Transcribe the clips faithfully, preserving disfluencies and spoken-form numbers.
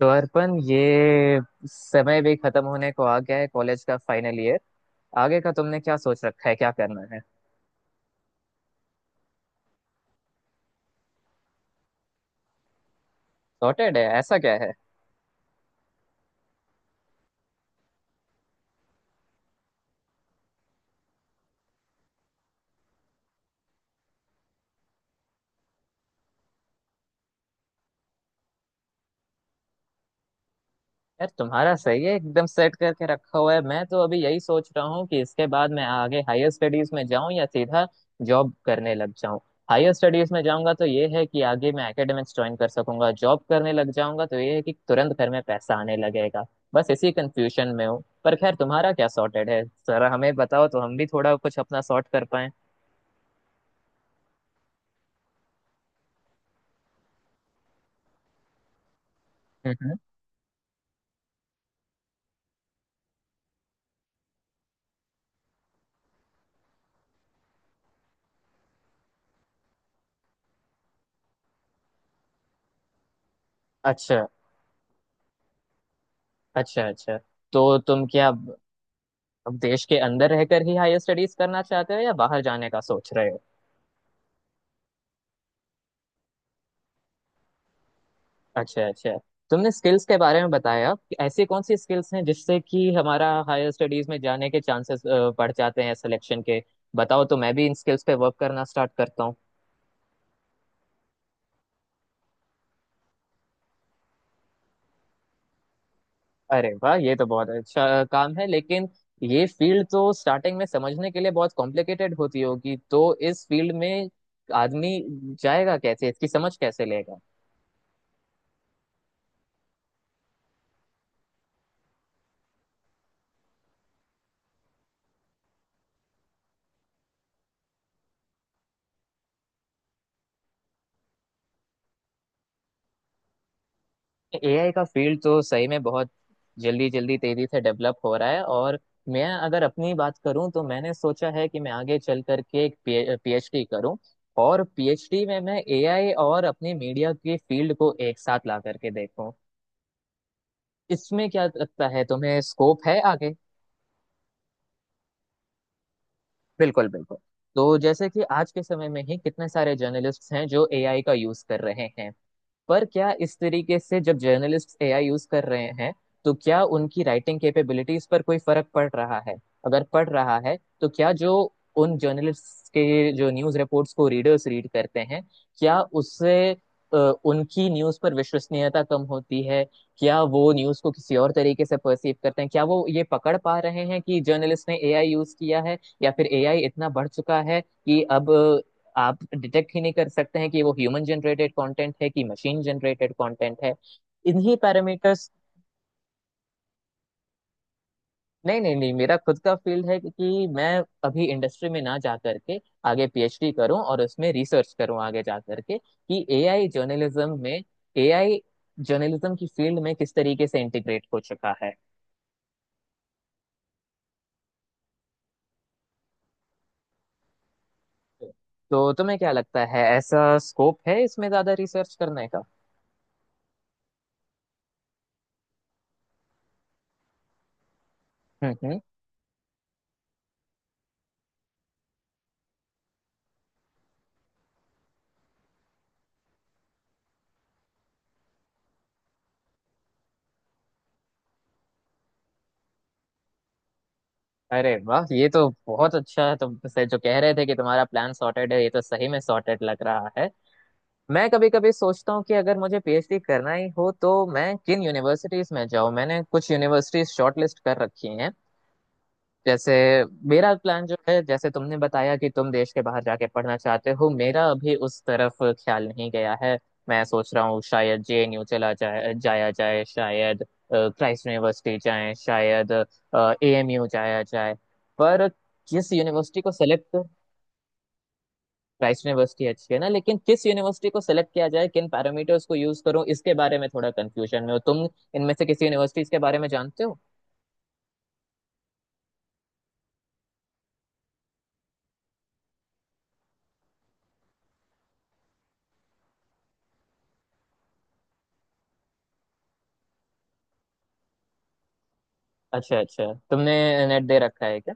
तो अर्पण, ये समय भी खत्म होने को आ गया है। कॉलेज का फाइनल ईयर, आगे का तुमने क्या सोच रखा है, क्या करना है? सॉर्टेड है? ऐसा क्या है? यार, तुम्हारा सही है, एकदम सेट करके रखा हुआ है। मैं तो अभी यही सोच रहा हूँ कि इसके बाद मैं आगे हायर स्टडीज में जाऊँ या सीधा जॉब करने लग जाऊँ। हायर स्टडीज में जाऊंगा तो ये है कि आगे मैं एकेडमिक्स ज्वाइन कर सकूंगा, जॉब करने लग जाऊंगा तो ये है कि तुरंत घर में पैसा आने लगेगा। बस इसी कंफ्यूजन में हूँ। पर खैर, तुम्हारा क्या सॉर्टेड है, जरा हमें बताओ तो हम भी थोड़ा कुछ अपना सॉर्ट कर पाए। हम्म। अच्छा, अच्छा। अच्छा, तो तुम क्या अब अब देश के अंदर रहकर ही हायर स्टडीज करना चाहते हो या बाहर जाने का सोच रहे हो? अच्छा, अच्छा। तुमने स्किल्स के बारे में बताया कि ऐसी कौन सी स्किल्स हैं जिससे कि हमारा हायर स्टडीज में जाने के चांसेस बढ़ जाते हैं, सिलेक्शन के। बताओ तो मैं भी इन स्किल्स पे वर्क करना स्टार्ट करता हूँ। अरे वाह, ये तो बहुत अच्छा काम है, लेकिन ये फील्ड तो स्टार्टिंग में समझने के लिए बहुत कॉम्प्लिकेटेड होती होगी, तो इस फील्ड में आदमी जाएगा कैसे, इसकी समझ कैसे लेगा? एआई का फील्ड तो सही में बहुत जल्दी जल्दी, तेजी से डेवलप हो रहा है। और मैं अगर अपनी बात करूं तो मैंने सोचा है कि मैं आगे चल करके एक पीएचडी करूं, और पीएचडी में मैं एआई और अपनी मीडिया की फील्ड को एक साथ ला करके देखूं। इसमें क्या लगता है तुम्हें, स्कोप है आगे? बिल्कुल बिल्कुल। तो जैसे कि आज के समय में ही कितने सारे जर्नलिस्ट हैं जो एआई का यूज कर रहे हैं, पर क्या इस तरीके से जब जर्नलिस्ट्स एआई यूज कर रहे हैं तो क्या उनकी राइटिंग कैपेबिलिटीज पर कोई फर्क पड़ रहा है? अगर पड़ रहा है तो क्या जो उन जर्नलिस्ट्स के जो न्यूज रिपोर्ट्स को रीडर्स रीड करते हैं, क्या उससे अ, उनकी न्यूज पर विश्वसनीयता कम होती है? क्या वो न्यूज को किसी और तरीके से परसीव करते हैं, क्या वो ये पकड़ पा रहे हैं कि जर्नलिस्ट ने एआई यूज किया है, या फिर एआई इतना बढ़ चुका है कि अब आप डिटेक्ट ही नहीं कर सकते हैं कि वो ह्यूमन जनरेटेड कंटेंट है कि मशीन जनरेटेड कंटेंट है? इन्हीं पैरामीटर्स। नहीं नहीं नहीं, मेरा खुद का फील्ड है कि कि मैं अभी इंडस्ट्री में ना जा करके आगे पीएचडी करूं और उसमें रिसर्च करूं आगे जा करके, कि एआई जर्नलिज्म में, एआई जर्नलिज्म की फील्ड में किस तरीके से इंटीग्रेट हो चुका है। तो तुम्हें क्या लगता है, ऐसा स्कोप है इसमें ज्यादा रिसर्च करने का? हम्म, हम्म। अरे वाह, ये तो बहुत अच्छा है। तुम से जो कह रहे थे कि तुम्हारा प्लान सॉर्टेड है, ये तो सही में सॉर्टेड लग रहा है। मैं कभी कभी सोचता हूँ कि अगर मुझे पीएचडी करना ही हो तो मैं किन यूनिवर्सिटीज में जाऊँ। मैंने कुछ यूनिवर्सिटीज शॉर्टलिस्ट कर रखी हैं, जैसे मेरा प्लान जो है, जैसे तुमने बताया कि तुम देश के बाहर जाके पढ़ना चाहते हो, मेरा अभी उस तरफ ख्याल नहीं गया है। मैं सोच रहा हूँ शायद जेएनयू चला जाए जाया जाए, शायद क्राइस्ट यूनिवर्सिटी जाए, शायद एएमयू जाया जाए। पर किस यूनिवर्सिटी को सेलेक्ट, क्राइस्ट यूनिवर्सिटी अच्छी है ना, लेकिन किस यूनिवर्सिटी को सेलेक्ट किया जाए, किन पैरामीटर्स को यूज करूँ, इसके बारे में थोड़ा कंफ्यूजन में। हो तुम इनमें से किसी यूनिवर्सिटीज के बारे में जानते हो? अच्छा, अच्छा। तुमने नेट दे रखा है क्या?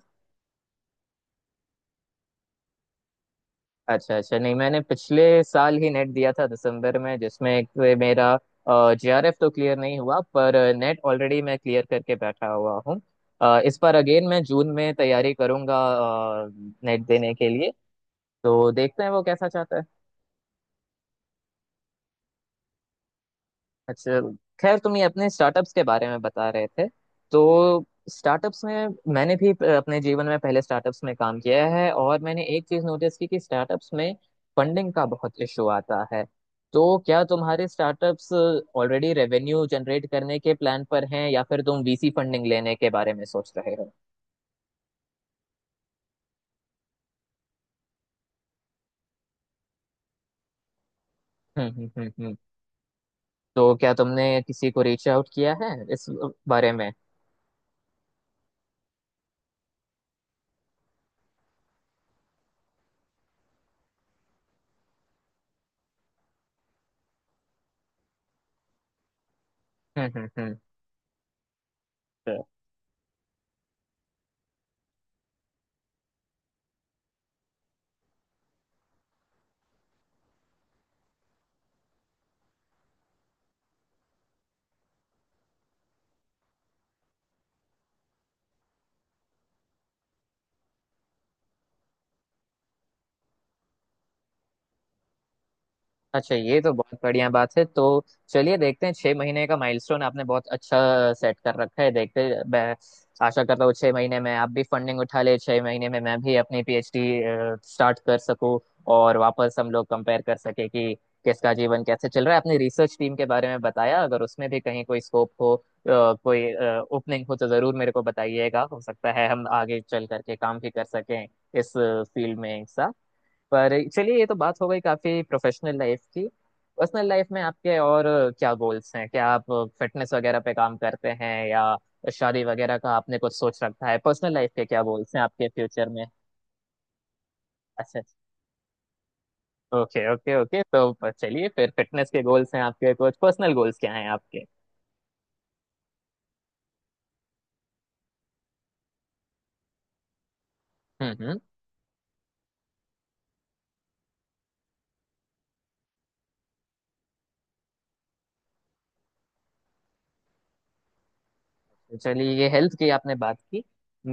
अच्छा, अच्छा। नहीं, मैंने पिछले साल ही नेट दिया था दिसंबर में, जिसमें एक वे मेरा जेआरएफ तो क्लियर नहीं हुआ, पर नेट ऑलरेडी मैं क्लियर करके बैठा हुआ हूँ। अ, इस बार अगेन मैं जून में तैयारी करूंगा नेट देने के लिए। तो देखते हैं वो कैसा चाहता है। अच्छा। खैर, तुम ये अपने स्टार्टअप्स के बारे में बता रहे थे। तो स्टार्टअप्स में, मैंने भी अपने जीवन में पहले स्टार्टअप्स में काम किया है, और मैंने एक चीज नोटिस की कि स्टार्टअप्स में फंडिंग का बहुत इशू आता है। तो क्या तुम्हारे स्टार्टअप्स ऑलरेडी रेवेन्यू जनरेट करने के प्लान पर हैं, या फिर तुम वीसी फंडिंग लेने के बारे में सोच रहे हो? हम्म हम्म हम्म हम्म। तो क्या तुमने किसी को रीच आउट किया है इस बारे में? हम्म हम्म हम्म। अच्छा, ये तो बहुत बढ़िया बात है। तो चलिए, देखते हैं, छह महीने का माइलस्टोन आपने बहुत अच्छा सेट कर रखा है। देखते, मैं आशा करता हूँ छह महीने में आप भी फंडिंग उठा ले, छह महीने में मैं भी अपनी पीएचडी स्टार्ट कर सकूँ, और वापस हम लोग कंपेयर कर सके कि किसका जीवन कैसे चल रहा है। आपने रिसर्च टीम के बारे में बताया, अगर उसमें भी कहीं कोई स्कोप हो, अ, कोई ओपनिंग हो तो जरूर मेरे को बताइएगा। हो सकता है हम आगे चल करके काम भी कर सकें इस फील्ड में एक साथ। पर चलिए, ये तो बात हो गई काफी प्रोफेशनल लाइफ की। पर्सनल लाइफ में आपके और क्या गोल्स हैं? क्या आप फिटनेस वगैरह पे काम करते हैं, या शादी वगैरह का आपने कुछ सोच रखा है? पर्सनल लाइफ के क्या गोल्स हैं आपके फ्यूचर में? अच्छा। ओके ओके ओके, तो प- चलिए फिर फिटनेस के गोल्स हैं आपके, कुछ पर्सनल गोल्स क्या हैं आपके? हम्म, हम्म। तो चलिए, ये हेल्थ की आपने बात की।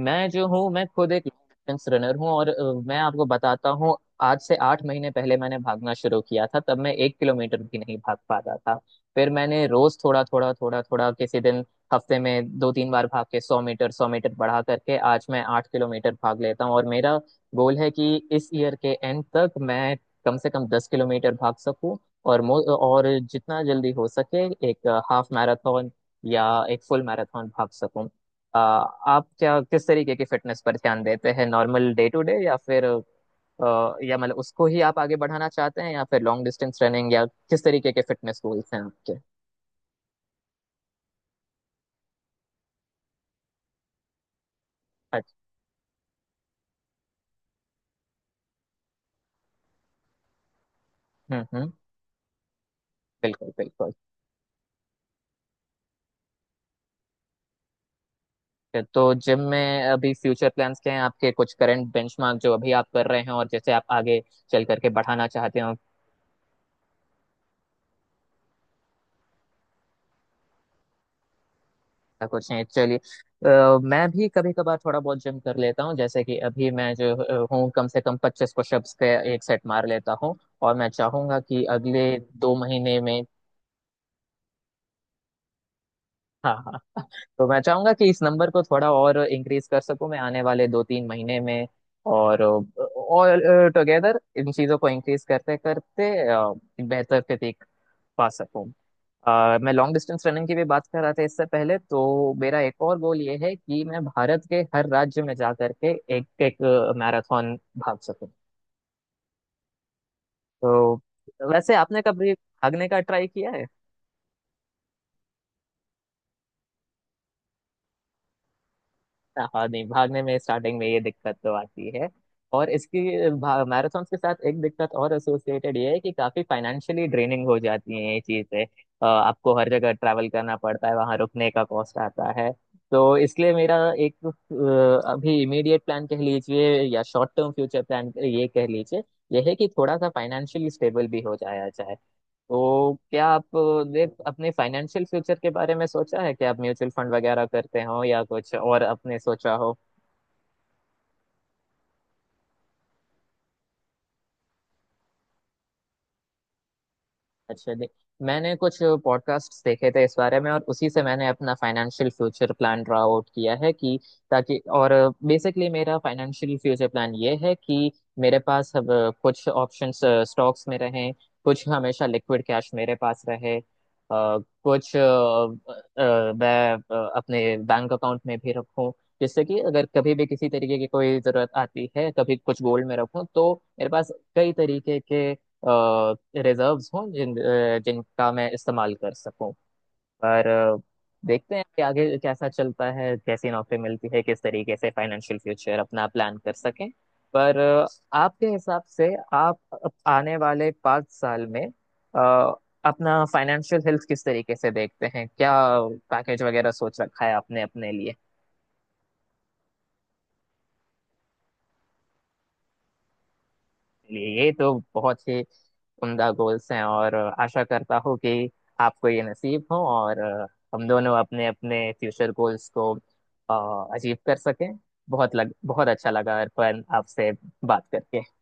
मैं जो हूँ, मैं खुद एक डिस्टेंस रनर हूँ, और अ, मैं आपको बताता हूँ। आज से आठ महीने पहले मैंने भागना शुरू किया था, तब मैं एक किलोमीटर भी नहीं भाग पा रहा था। फिर मैंने रोज थोड़ा थोड़ा थोड़ा थोड़ा, किसी दिन हफ्ते में दो तीन बार भाग के, सौ मीटर सौ मीटर बढ़ा करके आज मैं आठ किलोमीटर भाग लेता हूँ। और मेरा गोल है कि इस ईयर के एंड तक मैं कम से कम दस किलोमीटर भाग सकूँ, और मो- और जितना जल्दी हो सके एक हाफ मैराथन या एक फुल मैराथन भाग सकूं। अ, आप क्या किस तरीके की फिटनेस पर ध्यान देते हैं, नॉर्मल डे टू डे, या फिर अ, या मतलब उसको ही आप आगे बढ़ाना चाहते हैं, या फिर लॉन्ग डिस्टेंस रनिंग, या किस तरीके के फिटनेस गोल्स हैं आपके? अच्छा। हम्म, हम्म। बिल्कुल बिल्कुल। तो जिम में अभी फ्यूचर प्लान्स क्या हैं आपके, कुछ करंट बेंचमार्क जो अभी आप कर रहे हैं, और जैसे आप आगे चल करके बढ़ाना चाहते हो? ऐसा कुछ नहीं, चलिए। अ, मैं भी कभी कभार थोड़ा बहुत जिम कर लेता हूँ, जैसे कि अभी मैं जो अ, हूँ, कम से कम पच्चीस पुशअप्स के एक सेट मार लेता हूँ, और मैं चाहूंगा कि अगले दो महीने में हाँ हाँ, हाँ, तो मैं चाहूंगा कि इस नंबर को थोड़ा और इंक्रीज कर सकूं मैं आने वाले दो तीन महीने में, और और टुगेदर इन चीजों को इंक्रीज करते करते अ, बेहतर प्रतीक पा सकूं। अ, मैं लॉन्ग डिस्टेंस रनिंग की भी बात कर रहा था इससे पहले, तो मेरा एक और गोल ये है कि मैं भारत के हर राज्य में जा करके एक एक मैराथन भाग सकूं। तो वैसे आपने कभी भागने का ट्राई किया है? हाँ हाँ, नहीं भागने में स्टार्टिंग में ये दिक्कत तो आती है, और इसकी मैराथन के साथ एक दिक्कत और एसोसिएटेड ये है कि काफी फाइनेंशियली ड्रेनिंग हो जाती है ये चीजें। अ, आपको हर जगह ट्रैवल करना पड़ता है, वहां रुकने का कॉस्ट आता है। तो इसलिए मेरा एक अ, अभी इमीडिएट प्लान कह लीजिए, या शॉर्ट टर्म फ्यूचर प्लान ये कह लीजिए, यह है कि थोड़ा सा फाइनेंशियली स्टेबल भी हो जाया जाए। तो क्या आपने अपने फाइनेंशियल फ्यूचर के बारे में सोचा है कि आप म्यूचुअल फंड वगैरह करते हो, या कुछ और आपने सोचा हो? अच्छा, दे, मैंने कुछ पॉडकास्ट देखे थे इस बारे में, और उसी से मैंने अपना financial future plan draw out किया है, कि ताकि, और बेसिकली मेरा फाइनेंशियल फ्यूचर प्लान ये है कि मेरे पास अब कुछ ऑप्शंस स्टॉक्स में रहें, कुछ हमेशा लिक्विड कैश मेरे पास रहे, अ, कुछ अ, अ, मैं अ, अपने बैंक अकाउंट में भी रखूं, जिससे कि अगर कभी भी किसी तरीके की कोई जरूरत आती है, कभी कुछ गोल्ड में रखूं, तो मेरे पास कई तरीके के रिजर्व्स हों, जिन अ, जिनका मैं इस्तेमाल कर सकूं। पर अ, देखते हैं कि आगे कैसा चलता है, कैसी नौकरी मिलती है, किस तरीके से फाइनेंशियल फ्यूचर अपना प्लान कर सकें। पर अ, आपके हिसाब से आप आने वाले पाँच साल में अ, अपना फाइनेंशियल हेल्थ किस तरीके से देखते हैं, क्या पैकेज वगैरह सोच रखा है आपने अपने लिए? चलिए, ये तो बहुत ही उम्दा गोल्स हैं, और आशा करता हूँ कि आपको ये नसीब हो, और हम दोनों अपने अपने फ्यूचर गोल्स को अ, अचीव कर सकें। बहुत लग बहुत अच्छा लगा अर्पण, आपसे बात करके।